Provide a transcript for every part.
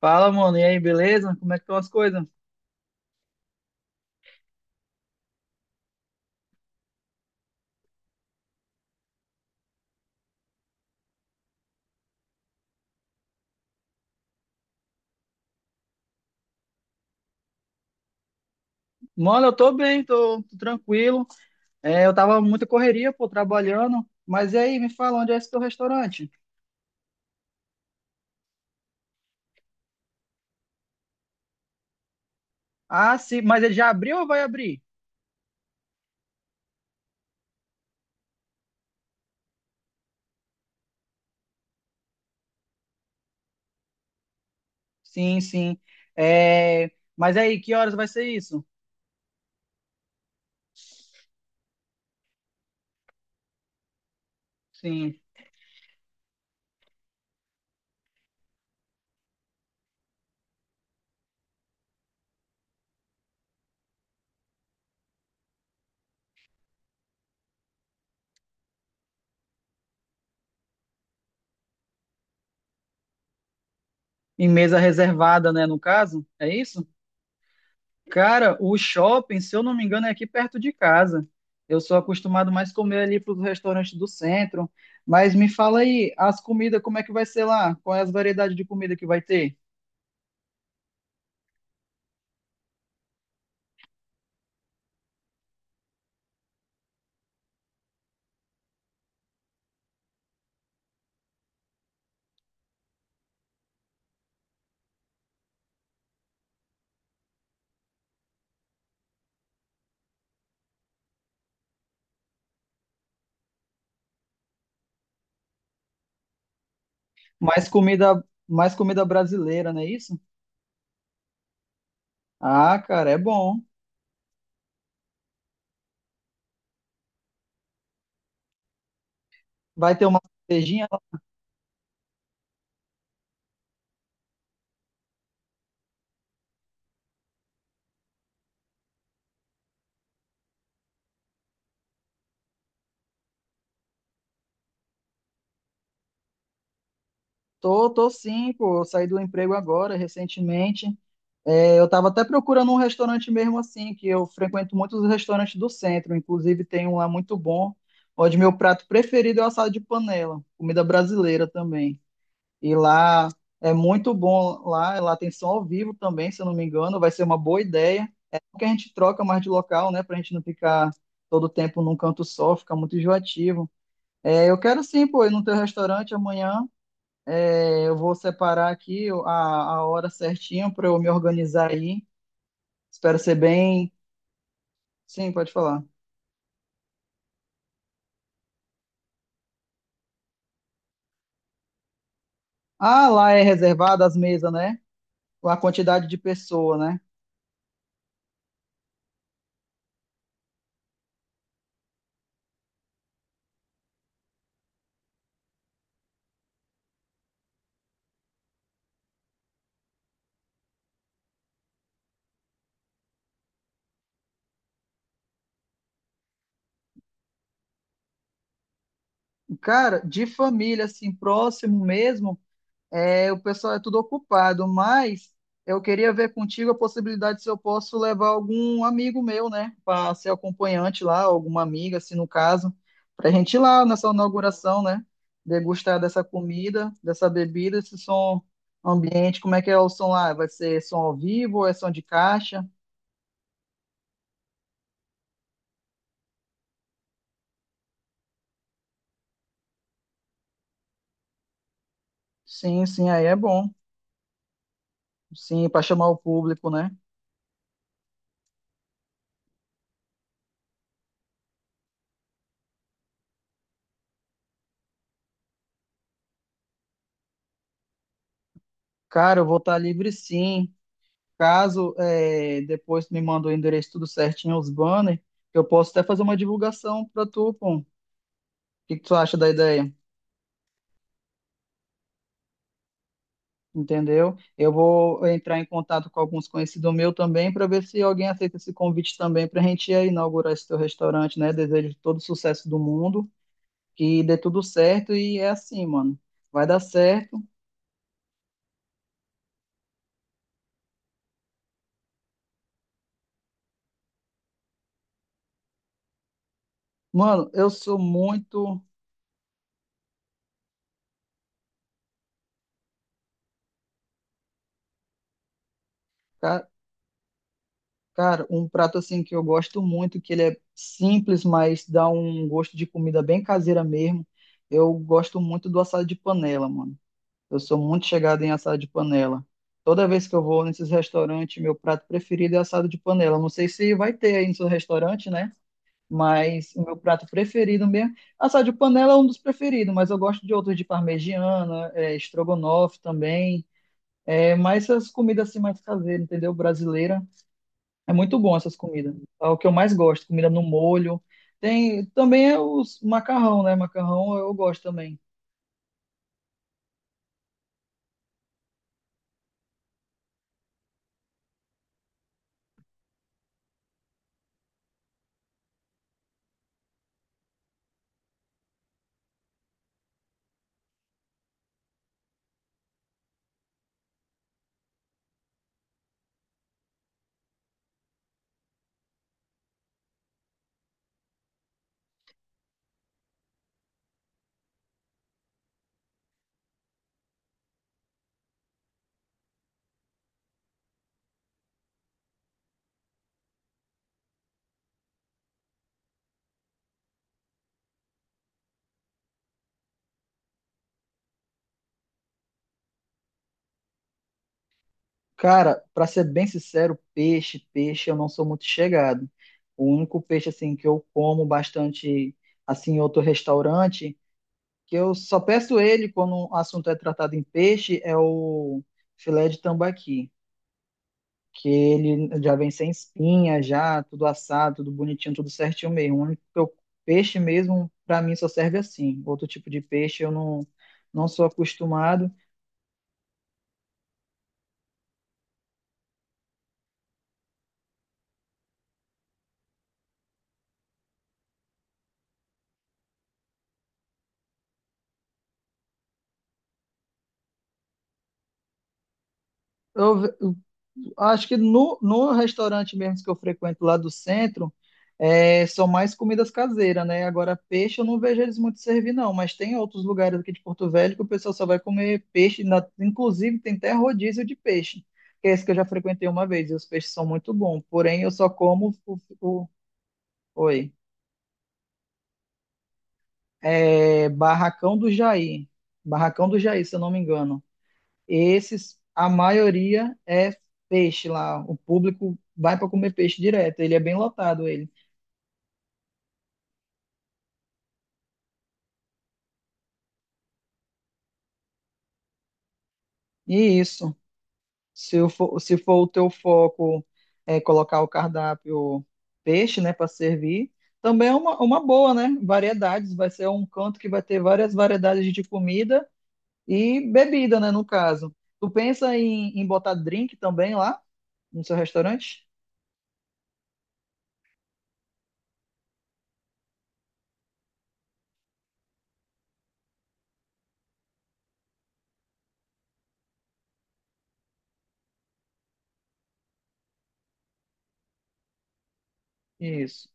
Fala, mano, e aí, beleza? Como é que estão as coisas? Mano, eu tô bem, tô tranquilo. É, eu tava muita correria, pô, trabalhando. Mas e aí, me fala, onde é esse teu restaurante? Ah, sim, mas ele já abriu ou vai abrir? Sim, sim. É, mas aí, que horas vai ser isso? Sim. Em mesa reservada, né, no caso? É isso? Cara, o shopping, se eu não me engano, é aqui perto de casa. Eu sou acostumado mais comer ali para os restaurantes do centro. Mas me fala aí, as comidas, como é que vai ser lá? Qual é as variedades de comida que vai ter? Mais comida, mais comida brasileira, não é isso? Ah, cara, é bom. Vai ter uma cervejinha? Tô, tô sim, pô. Eu saí do emprego agora, recentemente. É, eu estava até procurando um restaurante mesmo assim, que eu frequento muitos restaurantes do centro, inclusive tem um lá muito bom, onde meu prato preferido é o assado de panela, comida brasileira também. E lá é muito bom, lá tem som ao vivo também, se eu não me engano, vai ser uma boa ideia. É bom que a gente troca mais de local, né, pra gente não ficar todo tempo num canto só, fica muito enjoativo. É, eu quero sim, pô, ir no teu restaurante amanhã. É, eu vou separar aqui a hora certinha para eu me organizar aí. Espero ser bem. Sim, pode falar. Ah, lá é reservada as mesas, né? A quantidade de pessoa, né? Cara, de família, assim, próximo mesmo, é, o pessoal é tudo ocupado, mas eu queria ver contigo a possibilidade se eu posso levar algum amigo meu, né? Para ser acompanhante lá, alguma amiga, assim, no caso, para a gente ir lá nessa inauguração, né? Degustar dessa comida, dessa bebida, esse som ambiente, como é que é o som lá? Vai ser som ao vivo ou é som de caixa? Sim, sim, aí é bom. Sim, para chamar o público, né? Cara, eu vou estar livre sim. Caso é, depois tu me manda o endereço tudo certinho, os banners, eu posso até fazer uma divulgação para tu, pô. O que que tu acha da ideia? Entendeu? Eu vou entrar em contato com alguns conhecidos meus também para ver se alguém aceita esse convite também para a gente ir inaugurar esse teu restaurante, né? Desejo todo o sucesso do mundo, que dê tudo certo e é assim, mano. Vai dar certo. Mano, eu sou muito. Cara, um prato assim que eu gosto muito, que ele é simples, mas dá um gosto de comida bem caseira mesmo. Eu gosto muito do assado de panela, mano. Eu sou muito chegado em assado de panela. Toda vez que eu vou nesses restaurantes, meu prato preferido é assado de panela. Não sei se vai ter aí no seu restaurante, né? Mas o meu prato preferido mesmo. Assado de panela é um dos preferidos, mas eu gosto de outros de parmegiana, é, estrogonofe também. É, mas essas comidas assim mais caseiras, entendeu? Brasileira. É muito bom essas comidas. É o que eu mais gosto, comida no molho. Tem também é os macarrão, né? Macarrão eu gosto também. Cara, pra ser bem sincero, peixe eu não sou muito chegado. O único peixe assim que eu como bastante assim em outro restaurante, que eu só peço ele quando o assunto é tratado em peixe, é o filé de tambaqui. Que ele já vem sem espinha, já tudo assado, tudo bonitinho, tudo certinho mesmo. O único que eu- peixe mesmo, para mim, só serve assim. Outro tipo de peixe eu não, não sou acostumado. Eu, ve- eu acho que no, no restaurante mesmo que eu frequento lá do centro, é, são mais comidas caseiras, né? Agora, peixe eu não vejo eles muito servir, não. Mas tem outros lugares aqui de Porto Velho que o pessoal só vai comer peixe. Na- inclusive, tem até rodízio de peixe, que é esse que eu já frequentei uma vez. E os peixes são muito bons. Porém, eu só como o- oi, é, Barracão do Jair. Barracão do Jair, se eu não me engano. Esses, a maioria é peixe lá. O público vai para comer peixe direto. Ele é bem lotado, ele. E isso, se eu for, se for o teu foco é colocar o cardápio peixe, né, para servir, também é uma boa, né? Variedades. Vai ser um canto que vai ter várias variedades de comida e bebida, né, no caso. Tu pensa em, em botar drink também lá no seu restaurante? Isso.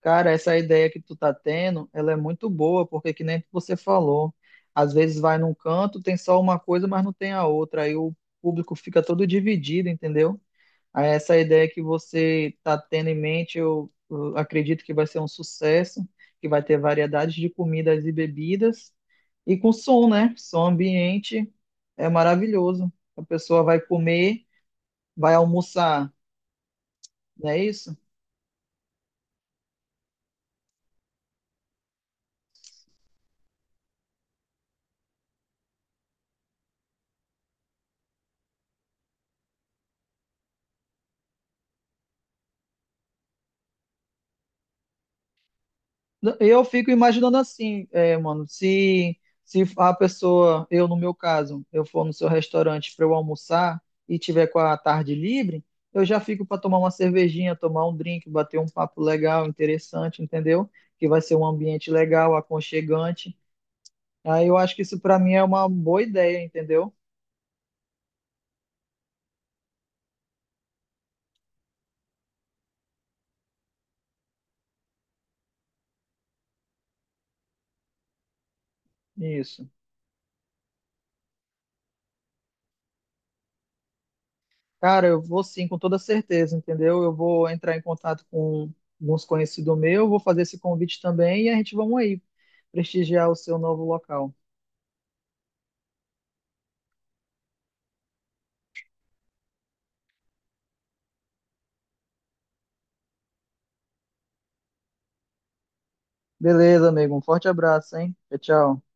Cara, essa ideia que tu tá tendo, ela é muito boa, porque que nem você falou, às vezes vai num canto, tem só uma coisa, mas não tem a outra, aí o público fica todo dividido, entendeu? Aí essa ideia que você tá tendo em mente, eu acredito que vai ser um sucesso, que vai ter variedades de comidas e bebidas, e com som, né? Som ambiente é maravilhoso. A pessoa vai comer, vai almoçar, não é isso? Eu fico imaginando assim, é, mano, se a pessoa, eu no meu caso, eu for no seu restaurante para eu almoçar e tiver com a tarde livre, eu já fico para tomar uma cervejinha, tomar um drink, bater um papo legal, interessante, entendeu? Que vai ser um ambiente legal, aconchegante. Aí eu acho que isso para mim é uma boa ideia, entendeu? Isso. Cara, eu vou sim, com toda certeza, entendeu? Eu vou entrar em contato com alguns conhecidos meus, vou fazer esse convite também e a gente vamos aí prestigiar o seu novo local. Beleza, amigo. Um forte abraço, hein? Tchau, tchau.